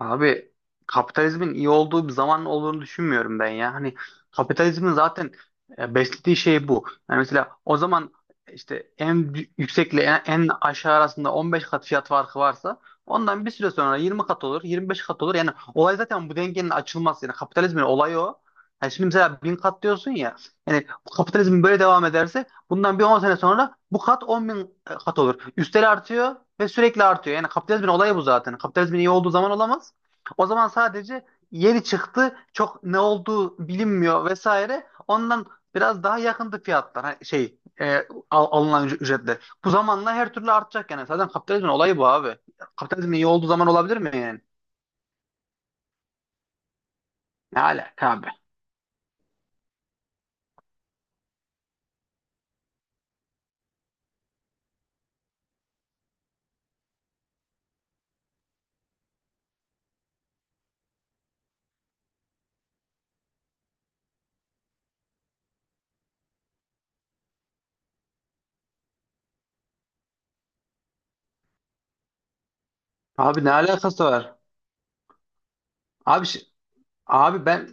Abi, kapitalizmin iyi olduğu bir zaman olduğunu düşünmüyorum ben ya. Hani kapitalizmin zaten beslediği şey bu. Yani mesela o zaman işte yüksekle en aşağı arasında 15 kat fiyat farkı varsa ondan bir süre sonra 20 kat olur, 25 kat olur. Yani olay zaten bu dengenin açılması. Yani kapitalizmin olayı o. Yani şimdi mesela 1.000 kat diyorsun ya. Yani bu kapitalizm böyle devam ederse bundan bir 10 sene sonra bu kat 10 bin kat olur. Üstel artıyor ve sürekli artıyor. Yani kapitalizmin olayı bu zaten. Kapitalizmin iyi olduğu zaman olamaz. O zaman sadece yeni çıktı, çok ne olduğu bilinmiyor vesaire. Ondan biraz daha yakındı fiyatlar hani alınan ücretler. Bu zamanla her türlü artacak yani. Zaten kapitalizmin olayı bu abi. Kapitalizmin iyi olduğu zaman olabilir mi yani? Ne alaka abi? Abi ne alakası var? Abi şi- abi ben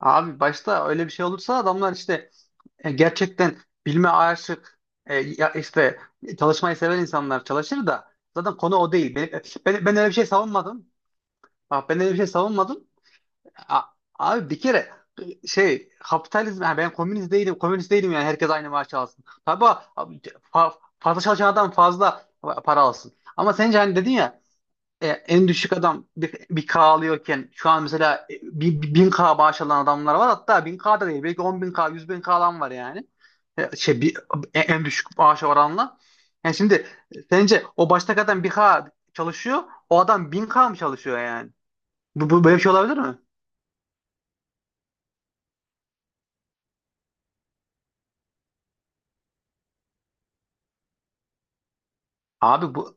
abi başta öyle bir şey olursa adamlar işte gerçekten bilme aşık işte çalışmayı seven insanlar çalışır da zaten konu o değil. Ben öyle bir şey savunmadım. Bak ben öyle bir şey savunmadım. A- Abi bir kere şey kapitalizm yani ben komünist değilim, komünist değilim yani herkes aynı maaşı alsın. Tabii abi, fa- fazla çalışan adam fazla para alsın. Ama sence hani dedin ya en düşük adam bir K alıyorken şu an mesela bir bin K maaş alan adamlar var hatta bin K da değil belki on bin K yüz bin K alan var yani. E, şey bir, en düşük maaş oranla. Yani şimdi sence o baştaki adam bir K çalışıyor, o adam bin K mı çalışıyor yani? Bu böyle bir şey olabilir mi? Abi bu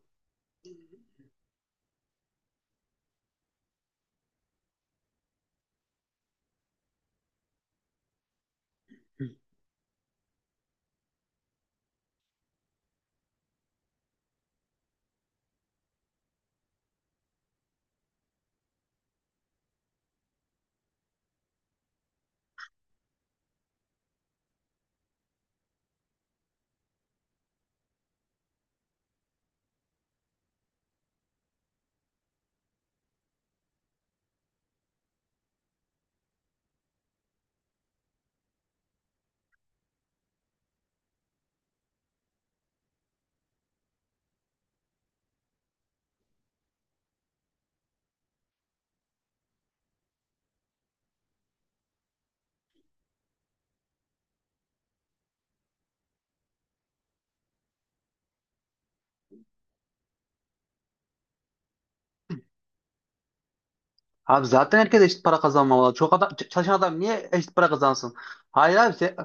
Abi zaten herkes eşit para kazanmamalı. Çalışan adam niye eşit para kazansın? Hayır abi sen,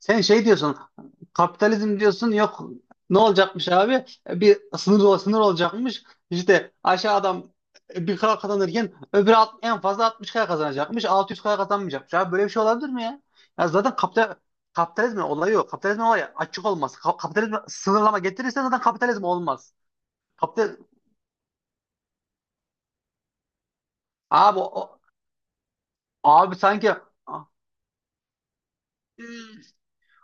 sen şey diyorsun. Kapitalizm diyorsun. Yok ne olacakmış abi? Bir sınır olacakmış. İşte aşağı adam bir kadar kazanırken öbürü en fazla 60 kadar kazanacakmış. 600 kadar kazanmayacakmış. Abi böyle bir şey olabilir mi ya? Ya zaten kapitalizmin olayı yok. Kapitalizmin olayı açık olması. Kapitalizme sınırlama getirirsen zaten kapitalizm olmaz. Kapital Abi o, Abi sanki Hmm.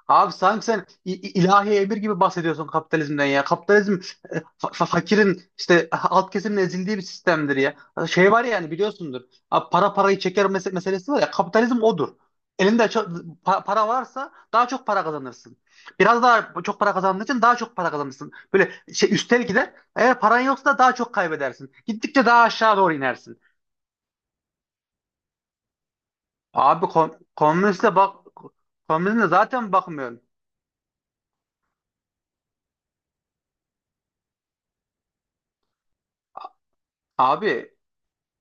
Abi sanki sen ilahi emir gibi bahsediyorsun kapitalizmden ya. Kapitalizm fakirin işte alt kesimin ezildiği bir sistemdir ya. Şey var yani biliyorsundur. Abi para parayı çeker meselesi var ya. Kapitalizm odur. Elinde para varsa daha çok para kazanırsın. Biraz daha çok para kazandığın için daha çok para kazanırsın. Böyle şey üstel gider. Eğer paran yoksa da daha çok kaybedersin. Gittikçe daha aşağı doğru inersin. Abi komünizme zaten bakmıyorum. Abi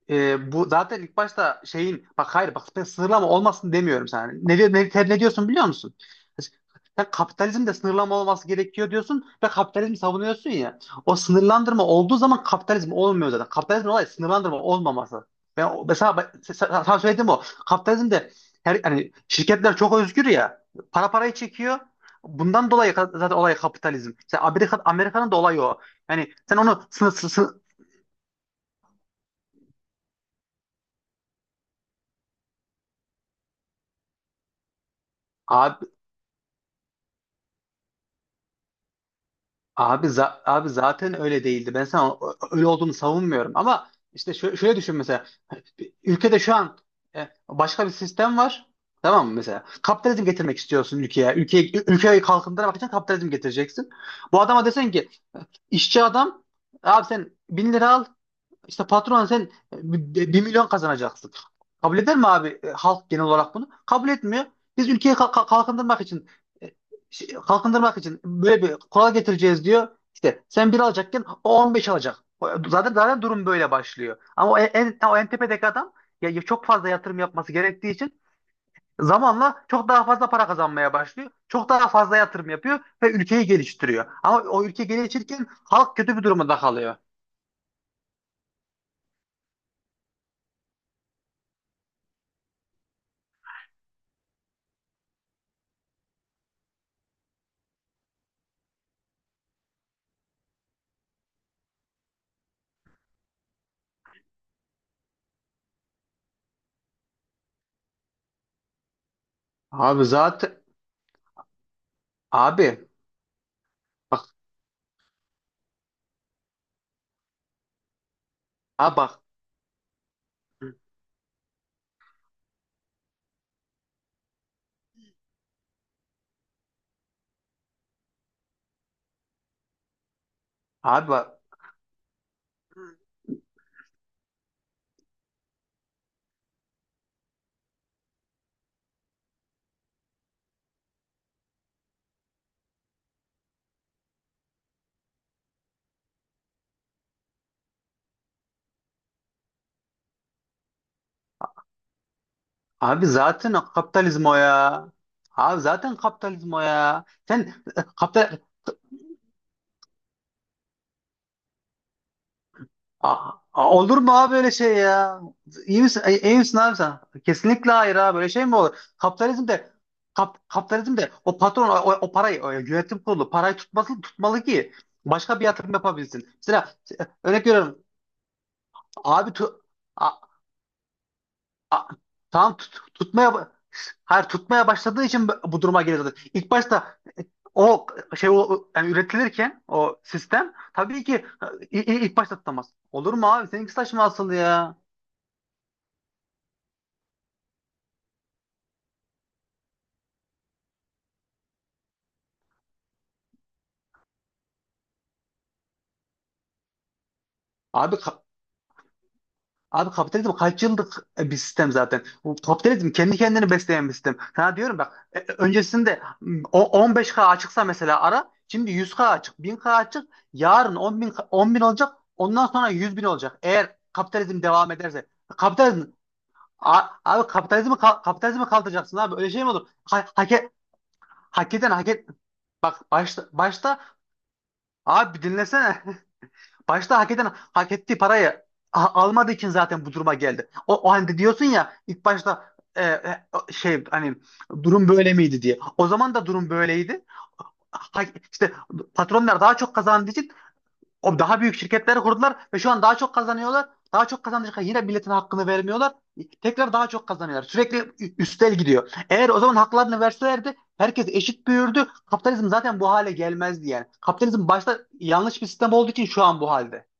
bu zaten ilk başta şeyin bak hayır bak ben sınırlama olmasın demiyorum sana. Ne diyorsun biliyor musun? Sen kapitalizmde sınırlama olması gerekiyor diyorsun ve kapitalizmi savunuyorsun ya. O sınırlandırma olduğu zaman kapitalizm olmuyor zaten. Kapitalizmin olayı sınırlandırma olmaması. Ben o- mesela ben- se- se- Sana söylediğim o. Kapitalizmde her hani şirketler çok özgür ya. Para parayı çekiyor. Bundan dolayı zaten olay kapitalizm. Sen Amerika'nın da olayı o. Yani sen onu sınır, sınır. Abi zaten öyle değildi. Ben sana öyle olduğunu savunmuyorum. Ama işte şöyle düşün mesela. Bir ülkede şu an başka bir sistem var. Tamam mı mesela? Kapitalizm getirmek istiyorsun ülkeye. Ülkeyi kalkındırmak için kapitalizm getireceksin. Bu adama desen ki işçi adam abi sen 1.000 lira al, işte patron sen e, 1.000.000 kazanacaksın. Kabul eder mi abi halk genel olarak bunu? Kabul etmiyor. Biz ülkeyi kalkındırmak için e, böyle bir kural getireceğiz diyor. İşte sen bir alacakken o 15 alacak. Zaten durum böyle başlıyor. Ama o en tepedeki adam ya çok fazla yatırım yapması gerektiği için zamanla çok daha fazla para kazanmaya başlıyor. Çok daha fazla yatırım yapıyor ve ülkeyi geliştiriyor. Ama o ülke gelişirken halk kötü bir durumda kalıyor. Abi zaten abi Bak, ha bak. Abi bak. Abi zaten kapitalizm o ya. Abi zaten kapitalizm o ya. Sen e, kapital A- a- Olur mu abi böyle şey ya? İyi iyi misin abi sen? Kesinlikle hayır abi. Böyle şey mi olur? Kapitalizm de o patron o parayı o yönetim kurulu parayı tutması tutmalı ki başka bir yatırım yapabilsin. Mesela örnek veriyorum abi A- Tamam tut- tutmaya ba- hayır tutmaya başladığı için bu duruma geliyor zaten. İlk başta o yani üretilirken o sistem tabii ki ilk başta tutamaz. Olur mu abi? Seninki saçma asıl ya. Abi ka- Abi kapitalizm kaç yıllık bir sistem zaten. Bu kapitalizm kendi kendini besleyen bir sistem. Sana diyorum bak öncesinde 15K açıksa mesela ara şimdi 100K açık, 1000K açık, yarın 10 bin, 10 bin olacak, ondan sonra 100 bin olacak. Eğer kapitalizm devam ederse. Kapitalizm Kapitalizmi kaldıracaksın abi öyle şey mi olur? Hak eden hak et. Bak başta, başta abi bir dinlesene. Başta hak eden hak ettiği parayı almadığı için zaten bu duruma geldi. O hani diyorsun ya ilk başta şey hani durum böyle miydi diye. O zaman da durum böyleydi. Ha, işte patronlar daha çok kazandığı için o daha büyük şirketleri kurdular ve şu an daha çok kazanıyorlar. Daha çok kazandıkça yine milletin hakkını vermiyorlar. Tekrar daha çok kazanıyorlar. Sürekli üstel gidiyor. Eğer o zaman haklarını verselerdi herkes eşit büyürdü. Kapitalizm zaten bu hale gelmezdi yani. Kapitalizm başta yanlış bir sistem olduğu için şu an bu halde.